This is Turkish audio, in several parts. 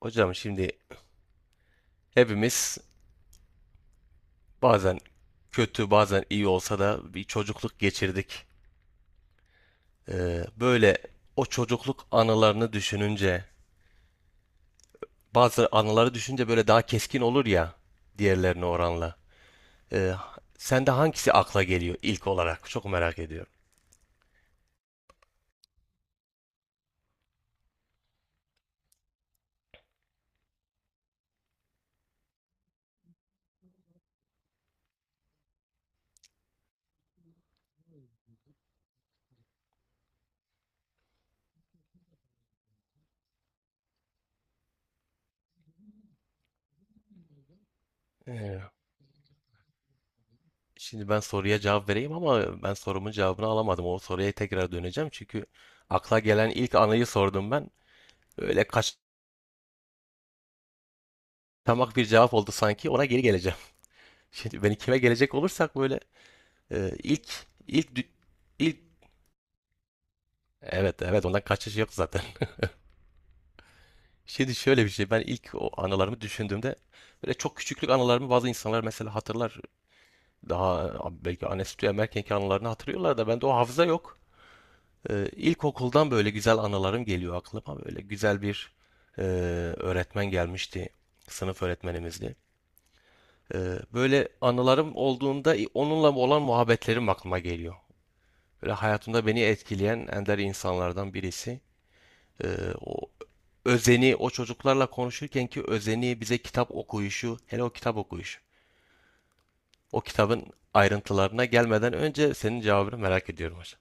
Hocam şimdi hepimiz bazen kötü bazen iyi olsa da bir çocukluk geçirdik. Böyle o çocukluk anılarını düşününce bazı anıları düşünce böyle daha keskin olur ya diğerlerine oranla. Ee, Sende hangisi akla geliyor ilk olarak? Çok merak ediyorum. Ee, Şimdi ben soruya cevap vereyim ama ben sorumun cevabını alamadım. O soruya tekrar döneceğim çünkü akla gelen ilk anıyı sordum ben. Öyle kaçamak bir cevap oldu sanki. Ona geri geleceğim. Şimdi ben ikime gelecek olursak böyle e, ilk ilk dü- ilk evet evet ondan kaçış yok zaten. Şimdi şöyle bir şey ben ilk o anılarımı düşündüğümde böyle çok küçüklük anılarımı bazı insanlar mesela hatırlar. Daha belki anne sütü emerkenki anılarını hatırlıyorlar da bende o hafıza yok. İlkokuldan böyle güzel anılarım geliyor aklıma. Böyle güzel bir e, öğretmen gelmişti. Sınıf öğretmenimizdi. E, böyle anılarım olduğunda onunla olan muhabbetlerim aklıma geliyor. Böyle hayatımda beni etkileyen ender insanlardan birisi. Ee, O özeni, o çocuklarla konuşurken ki özeni bize kitap okuyuşu, hele o kitap okuyuşu. O kitabın ayrıntılarına gelmeden önce senin cevabını merak ediyorum hocam.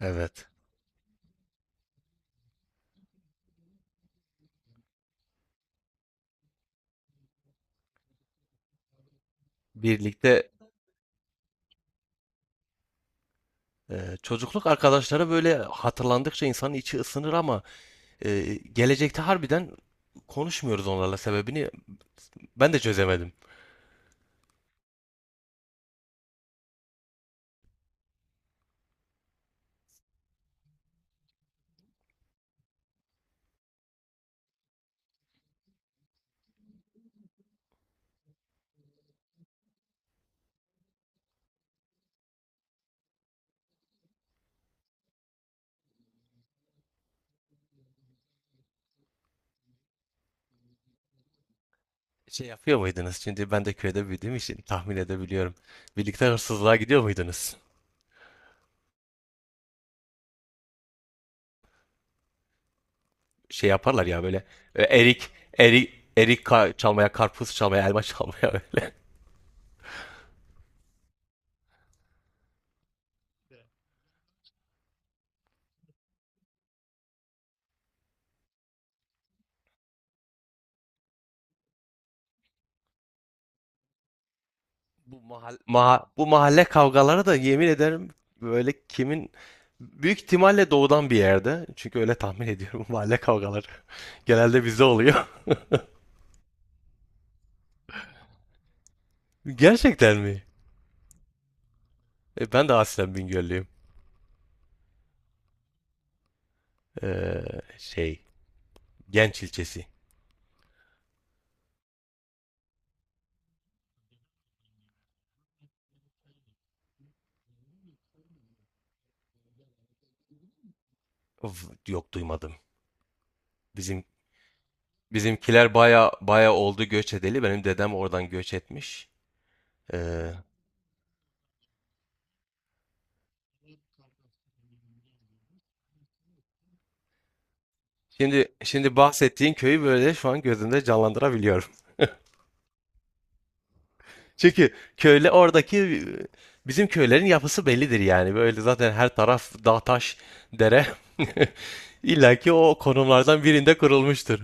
Evet. Birlikte çocukluk arkadaşları böyle hatırlandıkça insanın içi ısınır ama gelecekte harbiden konuşmuyoruz onlarla sebebini ben de çözemedim. Şey yapıyor muydunuz? Şimdi ben de köyde büyüdüğüm için tahmin edebiliyorum. Birlikte hırsızlığa gidiyor muydunuz? Şey yaparlar ya böyle e, erik erik çalmaya, karpuz çalmaya, elma çalmaya böyle. Bu bu mahalle kavgaları da yemin ederim böyle kimin büyük ihtimalle doğudan bir yerde. Çünkü öyle tahmin ediyorum mahalle kavgaları genelde bizde oluyor. Gerçekten mi? E, ben de aslen Bingöllüyüm. Ee, şey, Genç ilçesi. Of, yok duymadım. Bizim bizimkiler baya baya oldu göç edeli. Benim dedem oradan göç etmiş. Ee, şimdi bahsettiğin köyü böyle şu an gözümde canlandırabiliyorum. Çünkü köyle oradaki bizim köylerin yapısı bellidir yani. Böyle zaten her taraf dağ taş dere. İlla ki o konumlardan birinde kurulmuştur.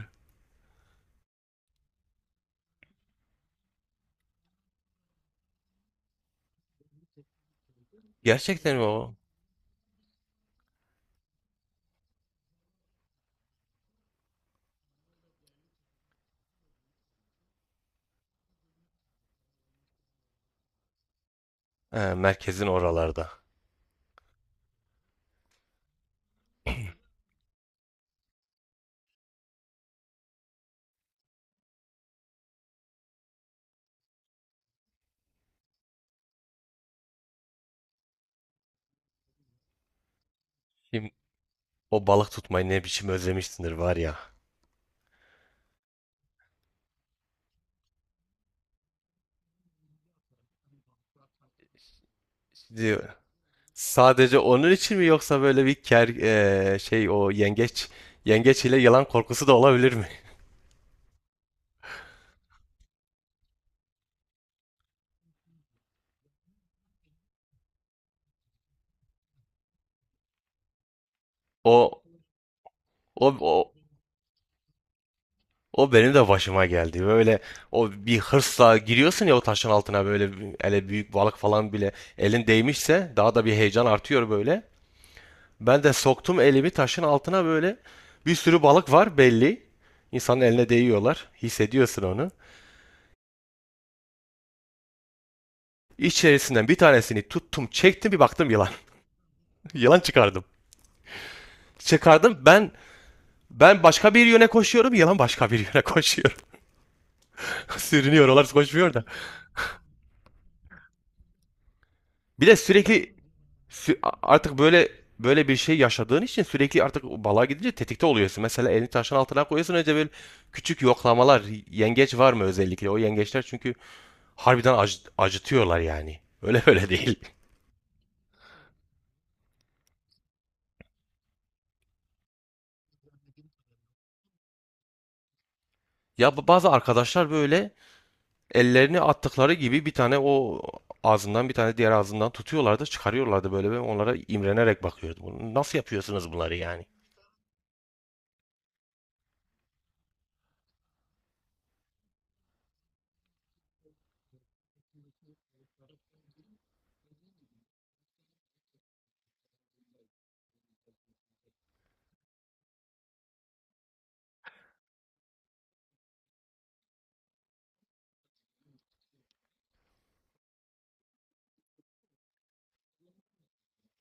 Gerçekten mi o? He, merkezin oralarda. Şimdi o balık tutmayı ne biçim özlemişsindir var ya. Şimdi sadece onun için mi yoksa böyle bir ker e, şey o yengeç yengeç ile yılan korkusu da olabilir mi? O o, o O benim de başıma geldi. Böyle o bir hırsla giriyorsun ya o taşın altına böyle hele büyük balık falan bile elin değmişse daha da bir heyecan artıyor böyle. Ben de soktum elimi taşın altına böyle bir sürü balık var belli. İnsanın eline değiyorlar. Hissediyorsun onu. İçerisinden bir tanesini tuttum, çektim bir baktım yılan. Yılan çıkardım. Çıkardım ben başka bir yöne koşuyorum, yılan başka bir yöne koşuyor. Sürünüyor, onlar koşmuyor da. Bir de sürekli Sü- artık böyle bir şey yaşadığın için sürekli artık balığa gidince tetikte oluyorsun. Mesela elini taşın altına koyuyorsun önce böyle küçük yoklamalar. Yengeç var mı özellikle? O yengeçler çünkü harbiden acıtıyorlar yani. Öyle böyle değil. Ya bu bazı arkadaşlar böyle ellerini attıkları gibi bir tane o ağzından bir tane diğer ağzından tutuyorlardı, çıkarıyorlardı böyle. Ben onlara imrenerek bakıyordum. Bunu nasıl yapıyorsunuz bunları yani?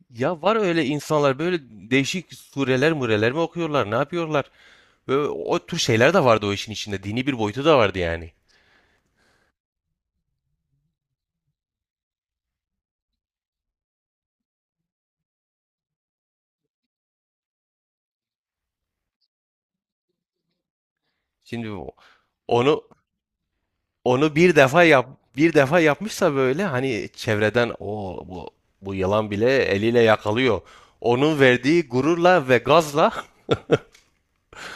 Ya var öyle insanlar böyle değişik sureler mureler mi okuyorlar, ne yapıyorlar? Ve o tür şeyler de vardı o işin içinde. Dini bir boyutu da vardı yani. Şimdi onu onu bir defa yapmışsa böyle hani çevreden o bu bu yılan bile eliyle yakalıyor. Onun verdiği gururla ve gazla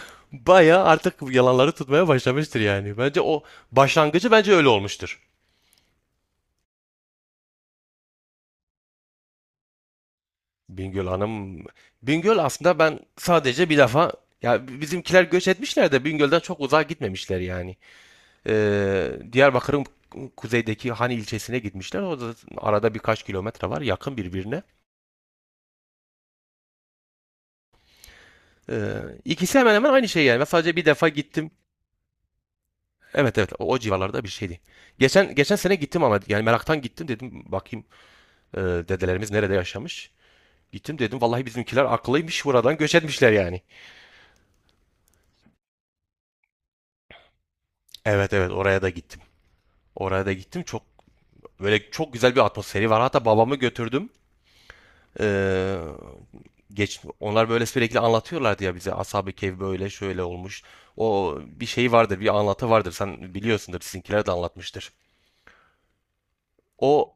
bayağı artık yalanları tutmaya başlamıştır yani. Bence o başlangıcı bence öyle olmuştur. Bingöl Hanım Bingöl aslında ben sadece bir defa ya bizimkiler göç etmişler de Bingöl'den çok uzağa gitmemişler yani. Diyarbakır'ın kuzeydeki Hani ilçesine gitmişler. O da arada birkaç kilometre var yakın birbirine. Ee, ikisi hemen hemen aynı şey yani. Ben sadece bir defa gittim. Evet evet o civarlarda bir şeydi. Geçen sene gittim ama yani meraktan gittim dedim bakayım dedelerimiz nerede yaşamış. Gittim dedim vallahi bizimkiler akıllıymış buradan göç etmişler yani. Evet evet oraya da gittim. Oraya da gittim çok böyle çok güzel bir atmosferi var. Hatta babamı götürdüm. Ee, Geç onlar böyle sürekli anlatıyorlardı ya bize Ashab-ı Kehf böyle şöyle olmuş. O bir şey vardır, bir anlatı vardır. Sen biliyorsundur, sizinkiler de anlatmıştır. O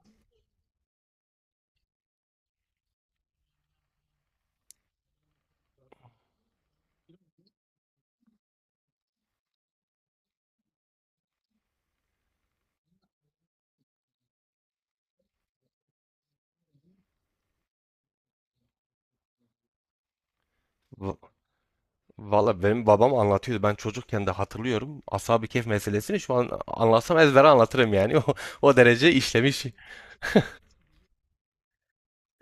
v- Valla benim babam anlatıyordu. Ben çocukken de hatırlıyorum. Ashab-ı Kehf meselesini şu an anlatsam ezbere anlatırım yani. O derece işlemiş.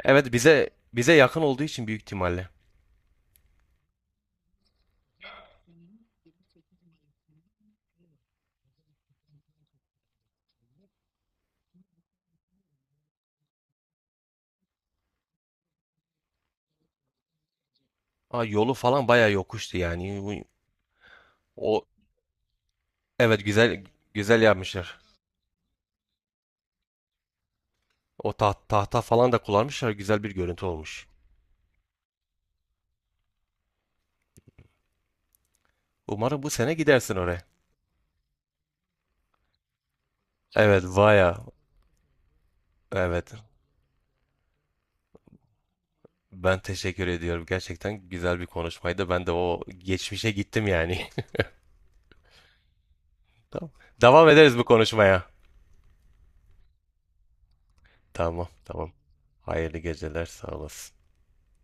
Evet bize yakın olduğu için büyük ihtimalle. Aa, yolu falan bayağı yokuştu yani. O evet, güzel yapmışlar. Tahta falan da kullanmışlar. Güzel bir görüntü olmuş. Umarım bu sene gidersin oraya. Evet, Vaya. Evet. Ben teşekkür ediyorum. Gerçekten güzel bir konuşmaydı. Ben de o geçmişe gittim yani. Tamam. Devam ederiz bu konuşmaya. Tamam, tamam. Hayırlı geceler, sağ olasın.